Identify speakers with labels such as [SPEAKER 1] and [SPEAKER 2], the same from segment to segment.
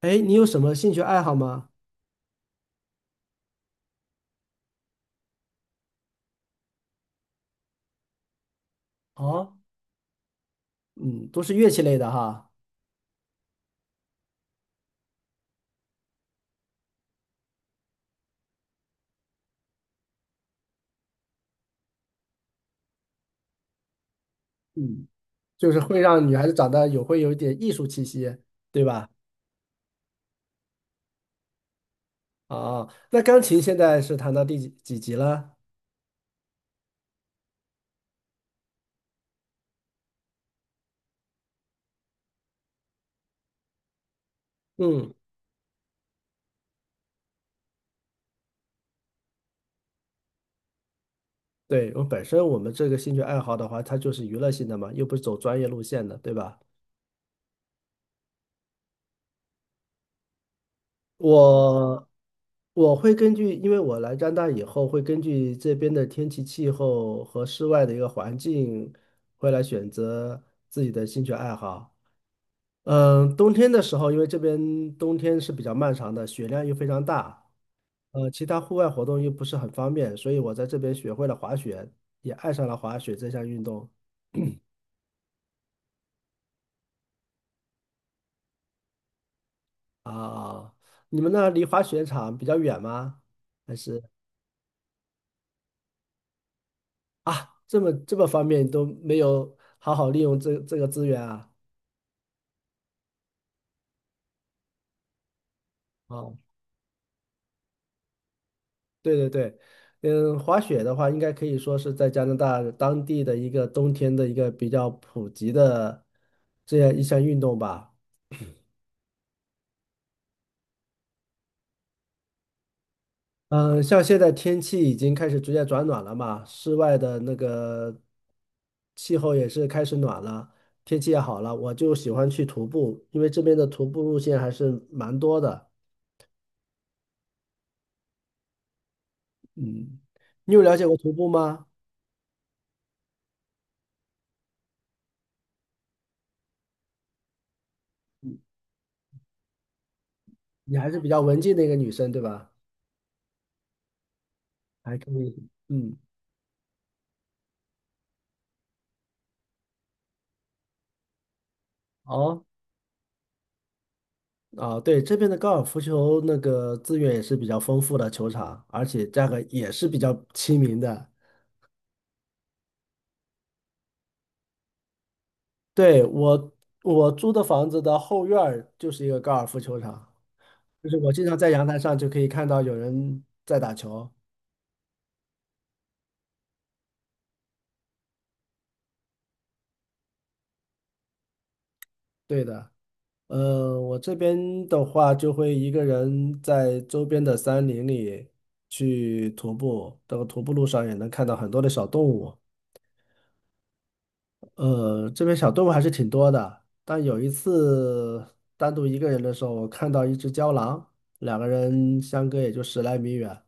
[SPEAKER 1] 哎，你有什么兴趣爱好吗？啊，嗯，都是乐器类的哈。嗯，就是会让女孩子长得会有一点艺术气息，对吧？啊，那钢琴现在是弹到第几级了？嗯，对，我本身我们这个兴趣爱好的话，它就是娱乐性的嘛，又不是走专业路线的，对吧？我我会根据，因为我来加拿大以后，会根据这边的天气、气候和室外的一个环境，会来选择自己的兴趣爱好。嗯，冬天的时候，因为这边冬天是比较漫长的，雪量又非常大，其他户外活动又不是很方便，所以我在这边学会了滑雪，也爱上了滑雪这项运动啊。你们那离滑雪场比较远吗？还是啊，这么方便都没有好好利用这个资源啊？哦，对对对，嗯，滑雪的话，应该可以说是在加拿大当地的一个冬天的一个比较普及的这样一项运动吧。嗯，像现在天气已经开始逐渐转暖了嘛，室外的那个气候也是开始暖了，天气也好了，我就喜欢去徒步，因为这边的徒步路线还是蛮多的。嗯，你有了解过徒步吗？嗯，你还是比较文静的一个女生，对吧？还可以。嗯，哦，啊，对，这边的高尔夫球那个资源也是比较丰富的球场，而且价格也是比较亲民的。对，我租的房子的后院儿就是一个高尔夫球场，就是我经常在阳台上就可以看到有人在打球。对的，我这边的话就会一个人在周边的山林里去徒步，这个徒步路上也能看到很多的小动物。这边小动物还是挺多的，但有一次单独一个人的时候，我看到一只郊狼，两个人相隔也就十来米远。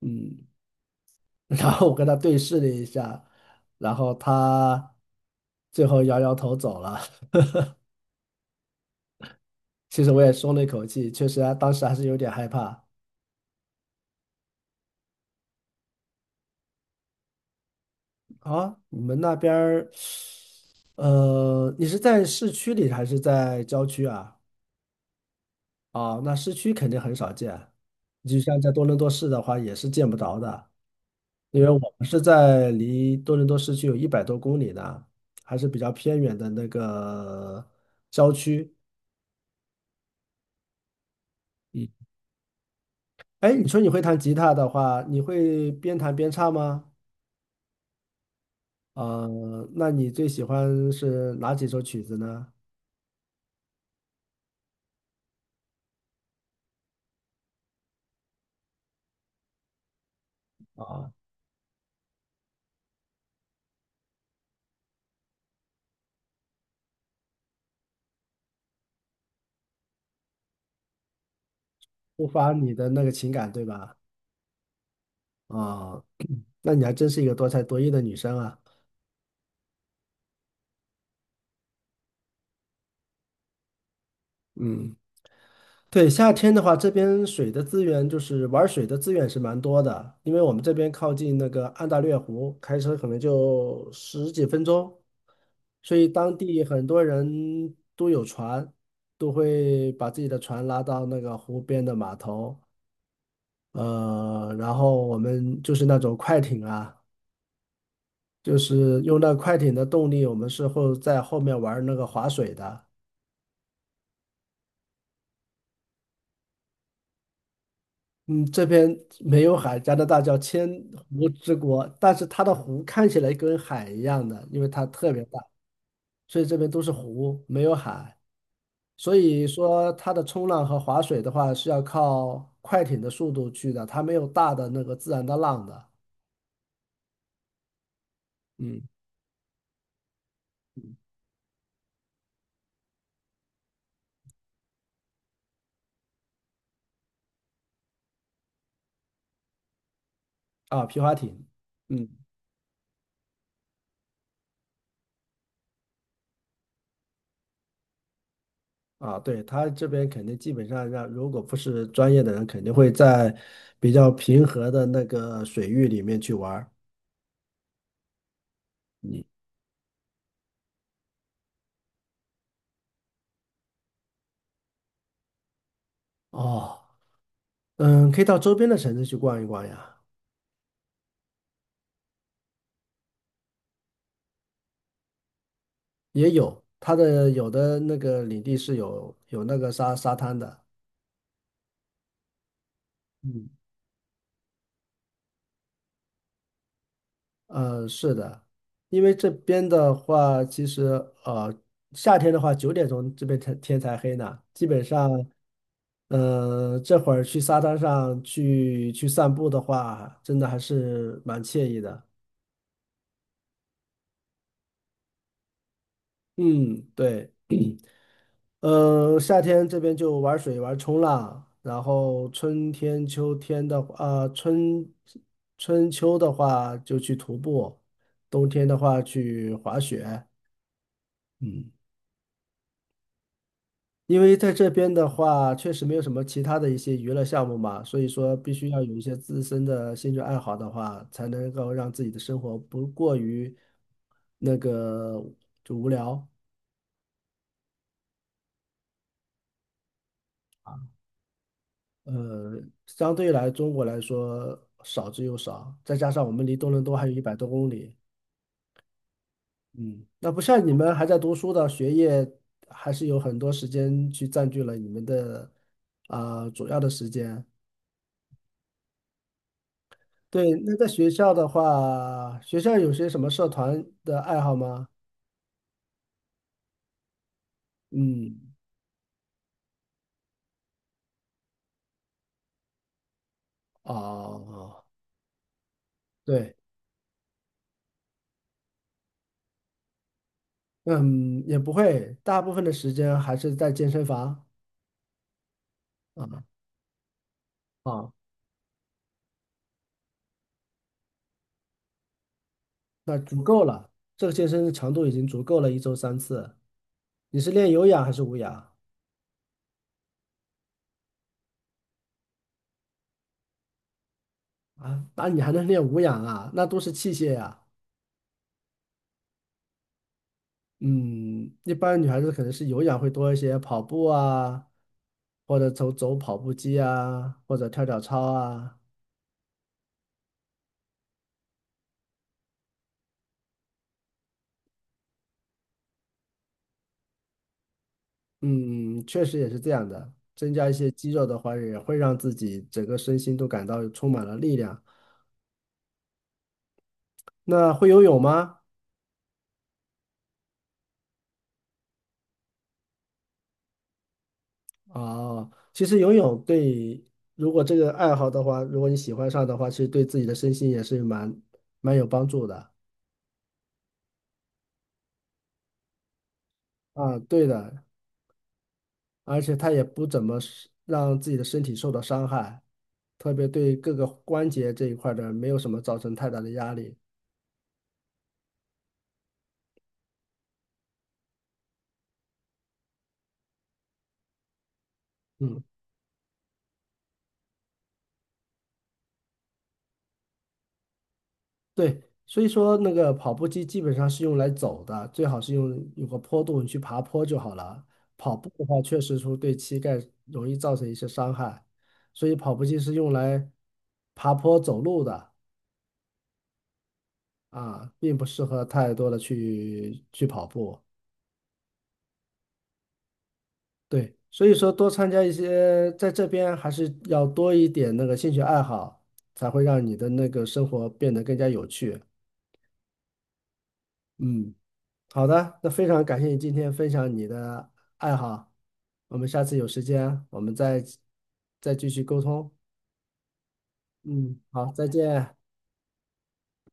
[SPEAKER 1] 嗯。然后我跟他对视了一下，然后他最后摇摇头走了。其实我也松了一口气，确实啊，当时还是有点害怕。啊，你们那边儿，你是在市区里还是在郊区啊？啊，那市区肯定很少见，就像在多伦多市的话，也是见不着的，因为我们是在离多伦多市区有一百多公里的，还是比较偏远的那个郊区。哎，你说你会弹吉他的话，你会边弹边唱吗？啊，那你最喜欢是哪几首曲子呢？啊，抒发你的那个情感，对吧？啊，那你还真是一个多才多艺的女生啊。嗯，对，夏天的话，这边水的资源就是玩水的资源是蛮多的，因为我们这边靠近那个安大略湖，开车可能就十几分钟。所以当地很多人都有船，都会把自己的船拉到那个湖边的码头，然后我们就是那种快艇啊，就是用那快艇的动力，我们是会在后面玩那个划水的。嗯，这边没有海，加拿大叫千湖之国，但是它的湖看起来跟海一样的，因为它特别大，所以这边都是湖，没有海。所以说它的冲浪和划水的话是要靠快艇的速度去的，它没有大的那个自然的浪的。嗯，啊，皮划艇，嗯，啊，对，它这边肯定基本上让，如果不是专业的人，肯定会在比较平和的那个水域里面去玩儿。哦，嗯，可以到周边的城市去逛一逛呀，也有它的有的那个领地是有那个沙滩的。嗯嗯，是的，因为这边的话，其实呃，夏天的话，9点钟这边天才黑呢。基本上，嗯、这会儿去沙滩上去散步的话，真的还是蛮惬意的。嗯，对，嗯、夏天这边就玩水、玩冲浪，然后春天、秋天的话，啊、春春秋的话就去徒步，冬天的话去滑雪。嗯。因为在这边的话，确实没有什么其他的一些娱乐项目嘛，所以说必须要有一些自身的兴趣爱好的话，才能够让自己的生活不过于那个就无聊。呃，相对来中国来说少之又少，再加上我们离多伦多还有一百多公里，嗯，那不像你们还在读书的，学业还是有很多时间去占据了你们的主要的时间。对，那在学校的话，学校有些什么社团的爱好吗？嗯，哦，对，嗯，也不会，大部分的时间还是在健身房啊啊。那足够了，这个健身的强度已经足够了，一周三次。你是练有氧还是无氧啊？那你还能练无氧啊？那都是器械呀、嗯，一般女孩子可能是有氧会多一些，跑步啊，或者走走跑步机啊，或者跳跳操啊。嗯，确实也是这样的。增加一些肌肉的话，也会让自己整个身心都感到充满了力量。那会游泳吗？哦，其实游泳对，如果这个爱好的话，如果你喜欢上的话，其实对自己的身心也是蛮有帮助的。啊，对的，而且它也不怎么是让自己的身体受到伤害，特别对各个关节这一块儿的没有什么造成太大的压力。嗯。对，所以说那个跑步机基本上是用来走的，最好是用有个坡度，你去爬坡就好了。跑步的话，确实说对膝盖容易造成一些伤害，所以跑步机是用来爬坡走路的啊，并不适合太多的去跑步。对，所以说多参加一些，在这边还是要多一点那个兴趣爱好，才会让你的那个生活变得更加有趣。嗯。好的，那非常感谢你今天分享你的爱好，我们下次有时间我们再继续沟通。嗯，好，再见。